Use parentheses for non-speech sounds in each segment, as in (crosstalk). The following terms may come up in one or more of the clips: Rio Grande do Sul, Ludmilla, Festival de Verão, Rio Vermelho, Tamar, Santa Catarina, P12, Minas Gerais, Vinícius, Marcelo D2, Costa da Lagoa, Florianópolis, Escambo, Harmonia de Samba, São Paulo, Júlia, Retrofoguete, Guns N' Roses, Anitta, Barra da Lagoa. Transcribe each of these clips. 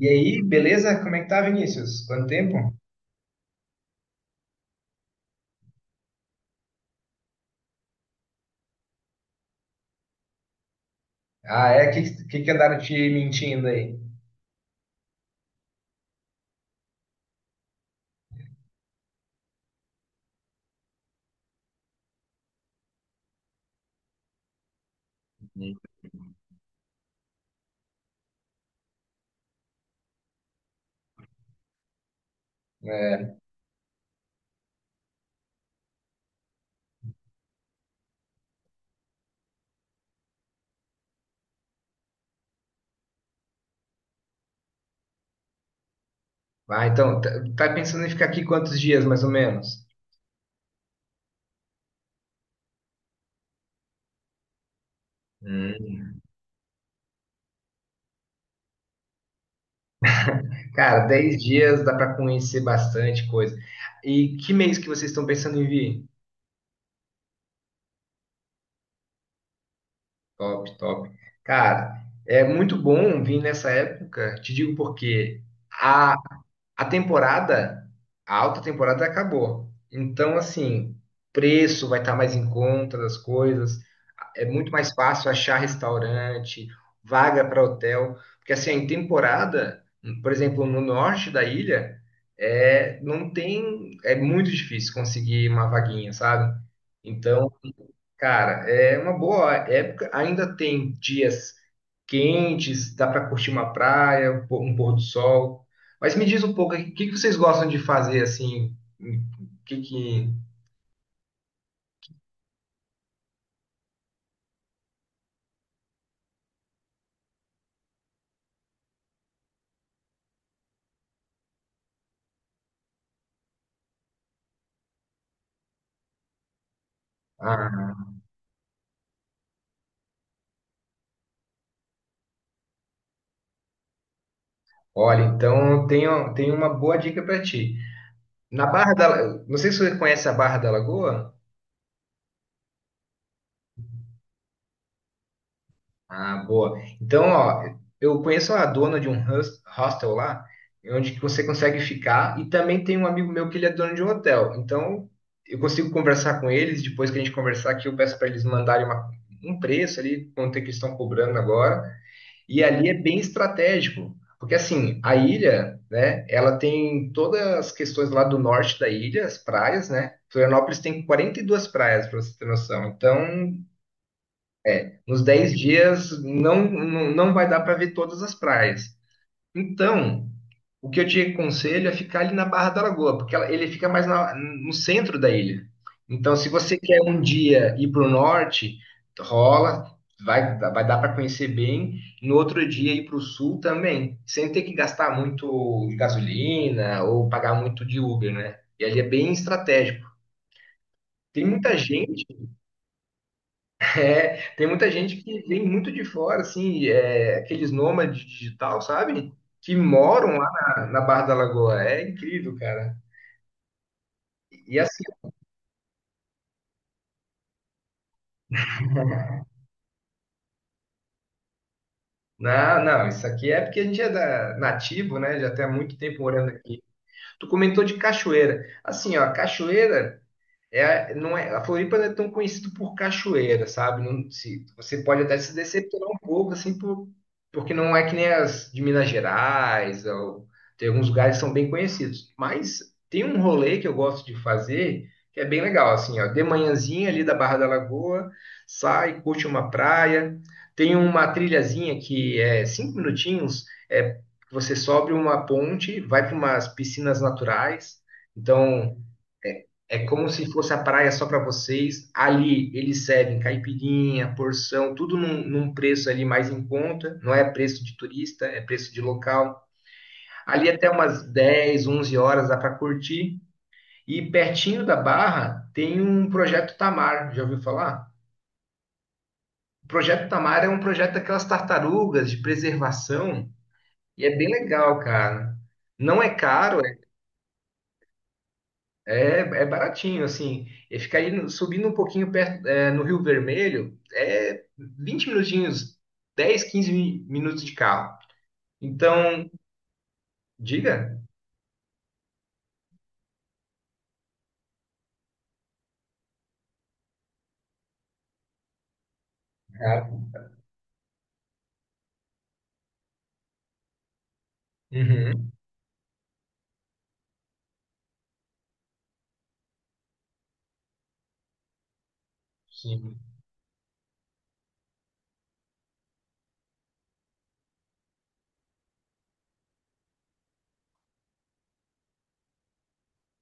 E aí, beleza? Como é que tá, Vinícius? Quanto tempo? Ah, é? O que andaram te mentindo aí? Hum. É. Ah, então, tá pensando em ficar aqui quantos dias, mais ou menos? Hum. Cara, 10 dias dá pra conhecer bastante coisa. E que mês que vocês estão pensando em vir? Top, top. Cara, é muito bom vir nessa época. Te digo por quê. A temporada, a alta temporada acabou. Então, assim, preço vai estar mais em conta das coisas, é muito mais fácil achar restaurante, vaga para hotel, porque assim, em temporada, por exemplo, no norte da ilha, é, não tem, é muito difícil conseguir uma vaguinha, sabe? Então, cara, é uma boa época. Ainda tem dias quentes, dá para curtir uma praia, um pôr do sol. Mas me diz um pouco, o que que vocês gostam de fazer assim? O que que... Ah, olha, então eu tenho uma boa dica para ti. Na Barra da, La- Não sei se você conhece a Barra da Lagoa. Ah, boa. Então, ó, eu conheço a dona de um hostel lá, onde que você consegue ficar, e também tem um amigo meu que ele é dono de um hotel. Então, eu consigo conversar com eles, depois que a gente conversar aqui, eu peço para eles mandarem um preço ali, quanto é que eles estão cobrando agora. E ali é bem estratégico, porque assim, a ilha, né, ela tem todas as questões lá do norte da ilha, as praias, né? Florianópolis tem 42 praias, para você ter noção. Então, nos 10 dias não, vai dar para ver todas as praias. Então, o que eu te aconselho é ficar ali na Barra da Lagoa, porque ele fica mais no centro da ilha. Então, se você quer um dia ir para o norte, rola, vai dar para conhecer bem. No outro dia ir para o sul também, sem ter que gastar muito de gasolina ou pagar muito de Uber, né? E ali é bem estratégico. Tem muita gente É, tem muita gente que vem muito de fora, assim, é, aqueles nômades digital, sabe? Que moram lá na Barra da Lagoa. É incrível, cara. E assim, (laughs) não, não, isso aqui é porque a gente é nativo, né? Já tem há muito tempo morando aqui. Tu comentou de cachoeira. Assim, ó, cachoeira. É, não é, a Floripa não é tão conhecida por cachoeira, sabe? Não, se, você pode até se decepcionar um pouco, assim, porque não é que nem as de Minas Gerais, ou, tem alguns lugares que são bem conhecidos. Mas tem um rolê que eu gosto de fazer, que é bem legal, assim, ó, de manhãzinha ali da Barra da Lagoa, sai, curte uma praia, tem uma trilhazinha que é 5 minutinhos, é, você sobe uma ponte, vai para umas piscinas naturais, então é como se fosse a praia só para vocês. Ali eles servem caipirinha, porção, tudo num preço ali mais em conta. Não é preço de turista, é preço de local. Ali até umas 10, 11 horas dá para curtir. E pertinho da Barra tem um projeto Tamar. Já ouviu falar? O projeto Tamar é um projeto daquelas tartarugas de preservação e é bem legal, cara. Não é caro. É, é baratinho, assim. E ficar aí subindo um pouquinho perto, é, no Rio Vermelho é 20 minutinhos, 10, 15 minutos de carro. Então, diga. Cara. Uhum, sim.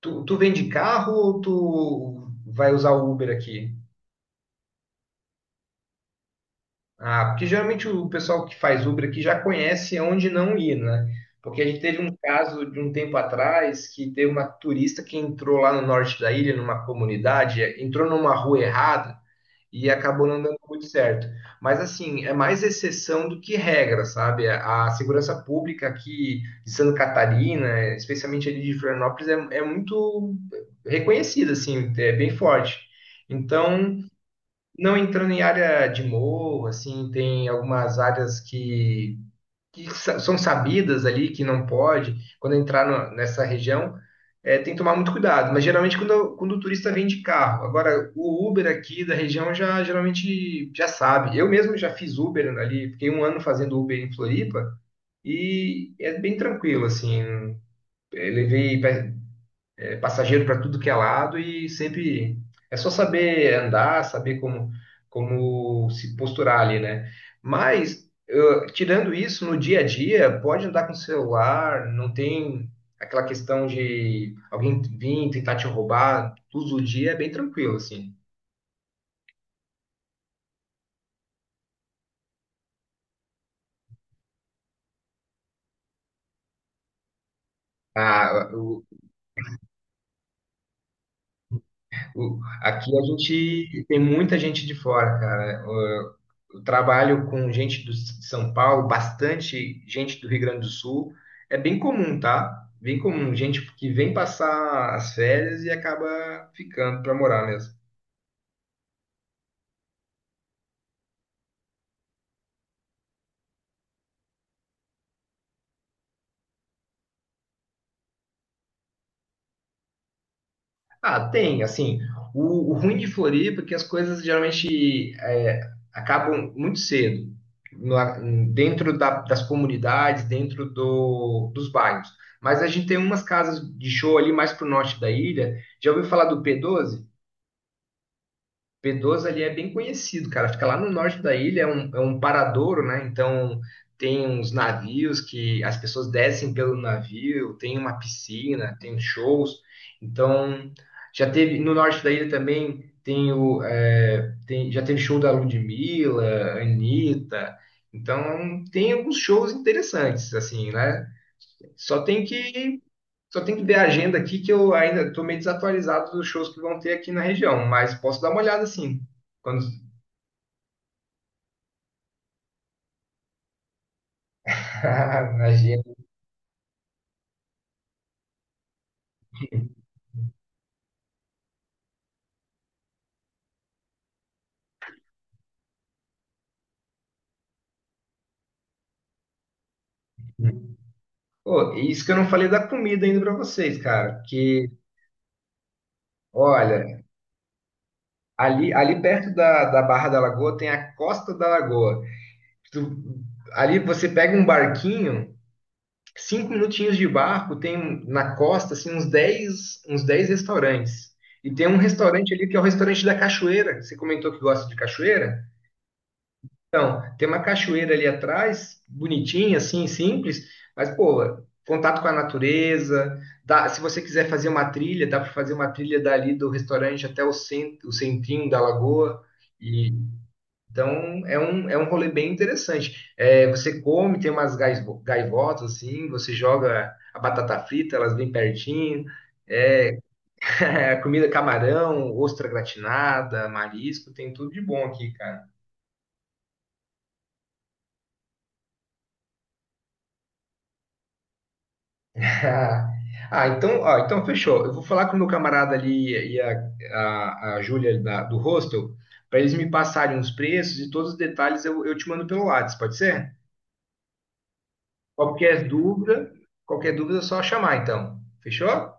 Tu vem de carro ou tu vai usar o Uber aqui? Ah, porque geralmente o pessoal que faz Uber aqui já conhece onde não ir, né? Porque a gente teve um caso de um tempo atrás que teve uma turista que entrou lá no norte da ilha, numa comunidade, entrou numa rua errada e acabou não dando muito certo. Mas, assim, é mais exceção do que regra, sabe? A segurança pública aqui de Santa Catarina, especialmente ali de Florianópolis, é muito reconhecida, assim, é bem forte. Então, não entrando em área de morro, assim, tem algumas áreas que são sabidas ali, que não pode, quando entrar nessa região, é, tem que tomar muito cuidado. Mas geralmente quando o turista vem de carro. Agora, o Uber aqui da região já geralmente já sabe. Eu mesmo já fiz Uber ali, fiquei um ano fazendo Uber em Floripa e é bem tranquilo, assim. Eu levei é passageiro para tudo que é lado e sempre é só saber andar, saber como se posturar ali, né? Mas tirando isso no dia a dia, pode andar com o celular, não tem aquela questão de alguém vir tentar te roubar, todo dia é bem tranquilo assim. Ah, aqui a gente tem muita gente de fora, cara. Eu trabalho com gente de São Paulo, bastante gente do Rio Grande do Sul. É bem comum, tá? Bem comum, gente que vem passar as férias e acaba ficando para morar mesmo. Ah, tem, assim, o ruim de Floripa é que as coisas geralmente é, acabam muito cedo, dentro das comunidades, dentro dos bairros. Mas a gente tem umas casas de show ali mais pro norte da ilha. Já ouviu falar do P12? P12 ali é bem conhecido, cara. Fica lá no norte da ilha, é um paradouro, né? Então tem uns navios que as pessoas descem pelo navio, tem uma piscina, tem shows. Então já teve no norte da ilha também tem o já teve show da Ludmilla, Anitta. Então tem alguns shows interessantes, assim, né? Só tem que só tem que ver a agenda aqui que eu ainda estou meio desatualizado dos shows que vão ter aqui na região, mas posso dar uma olhada assim. Quando (laughs) na agenda. Pô, e isso que eu não falei da comida ainda para vocês, cara, que olha, ali perto da Barra da Lagoa tem a Costa da Lagoa. Tu- ali você pega um barquinho 5 minutinhos de barco tem um, na costa assim, uns dez restaurantes. E tem um restaurante ali que é o restaurante da cachoeira. Você comentou que gosta de cachoeira? Tem uma cachoeira ali atrás, bonitinha, assim, simples, mas, pô, contato com a natureza. Se você quiser fazer uma trilha, dá para fazer uma trilha dali do restaurante até o centrinho da lagoa. Então, é um rolê bem interessante. É, você come, tem umas gaivotas, assim, você joga a batata frita, elas vêm pertinho. É, (laughs) comida camarão, ostra gratinada, marisco, tem tudo de bom aqui, cara. (laughs) Ah, então, ó, então fechou. Eu vou falar com o meu camarada ali e a Júlia do hostel, para eles me passarem os preços e todos os detalhes eu te mando pelo WhatsApp, pode ser? Qualquer dúvida, qualquer dúvida é só chamar, então. Fechou?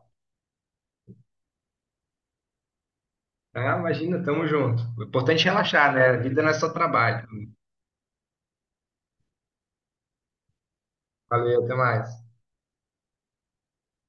Ah, imagina, tamo junto. O importante é relaxar, né? A vida não é só trabalho. Valeu, até mais.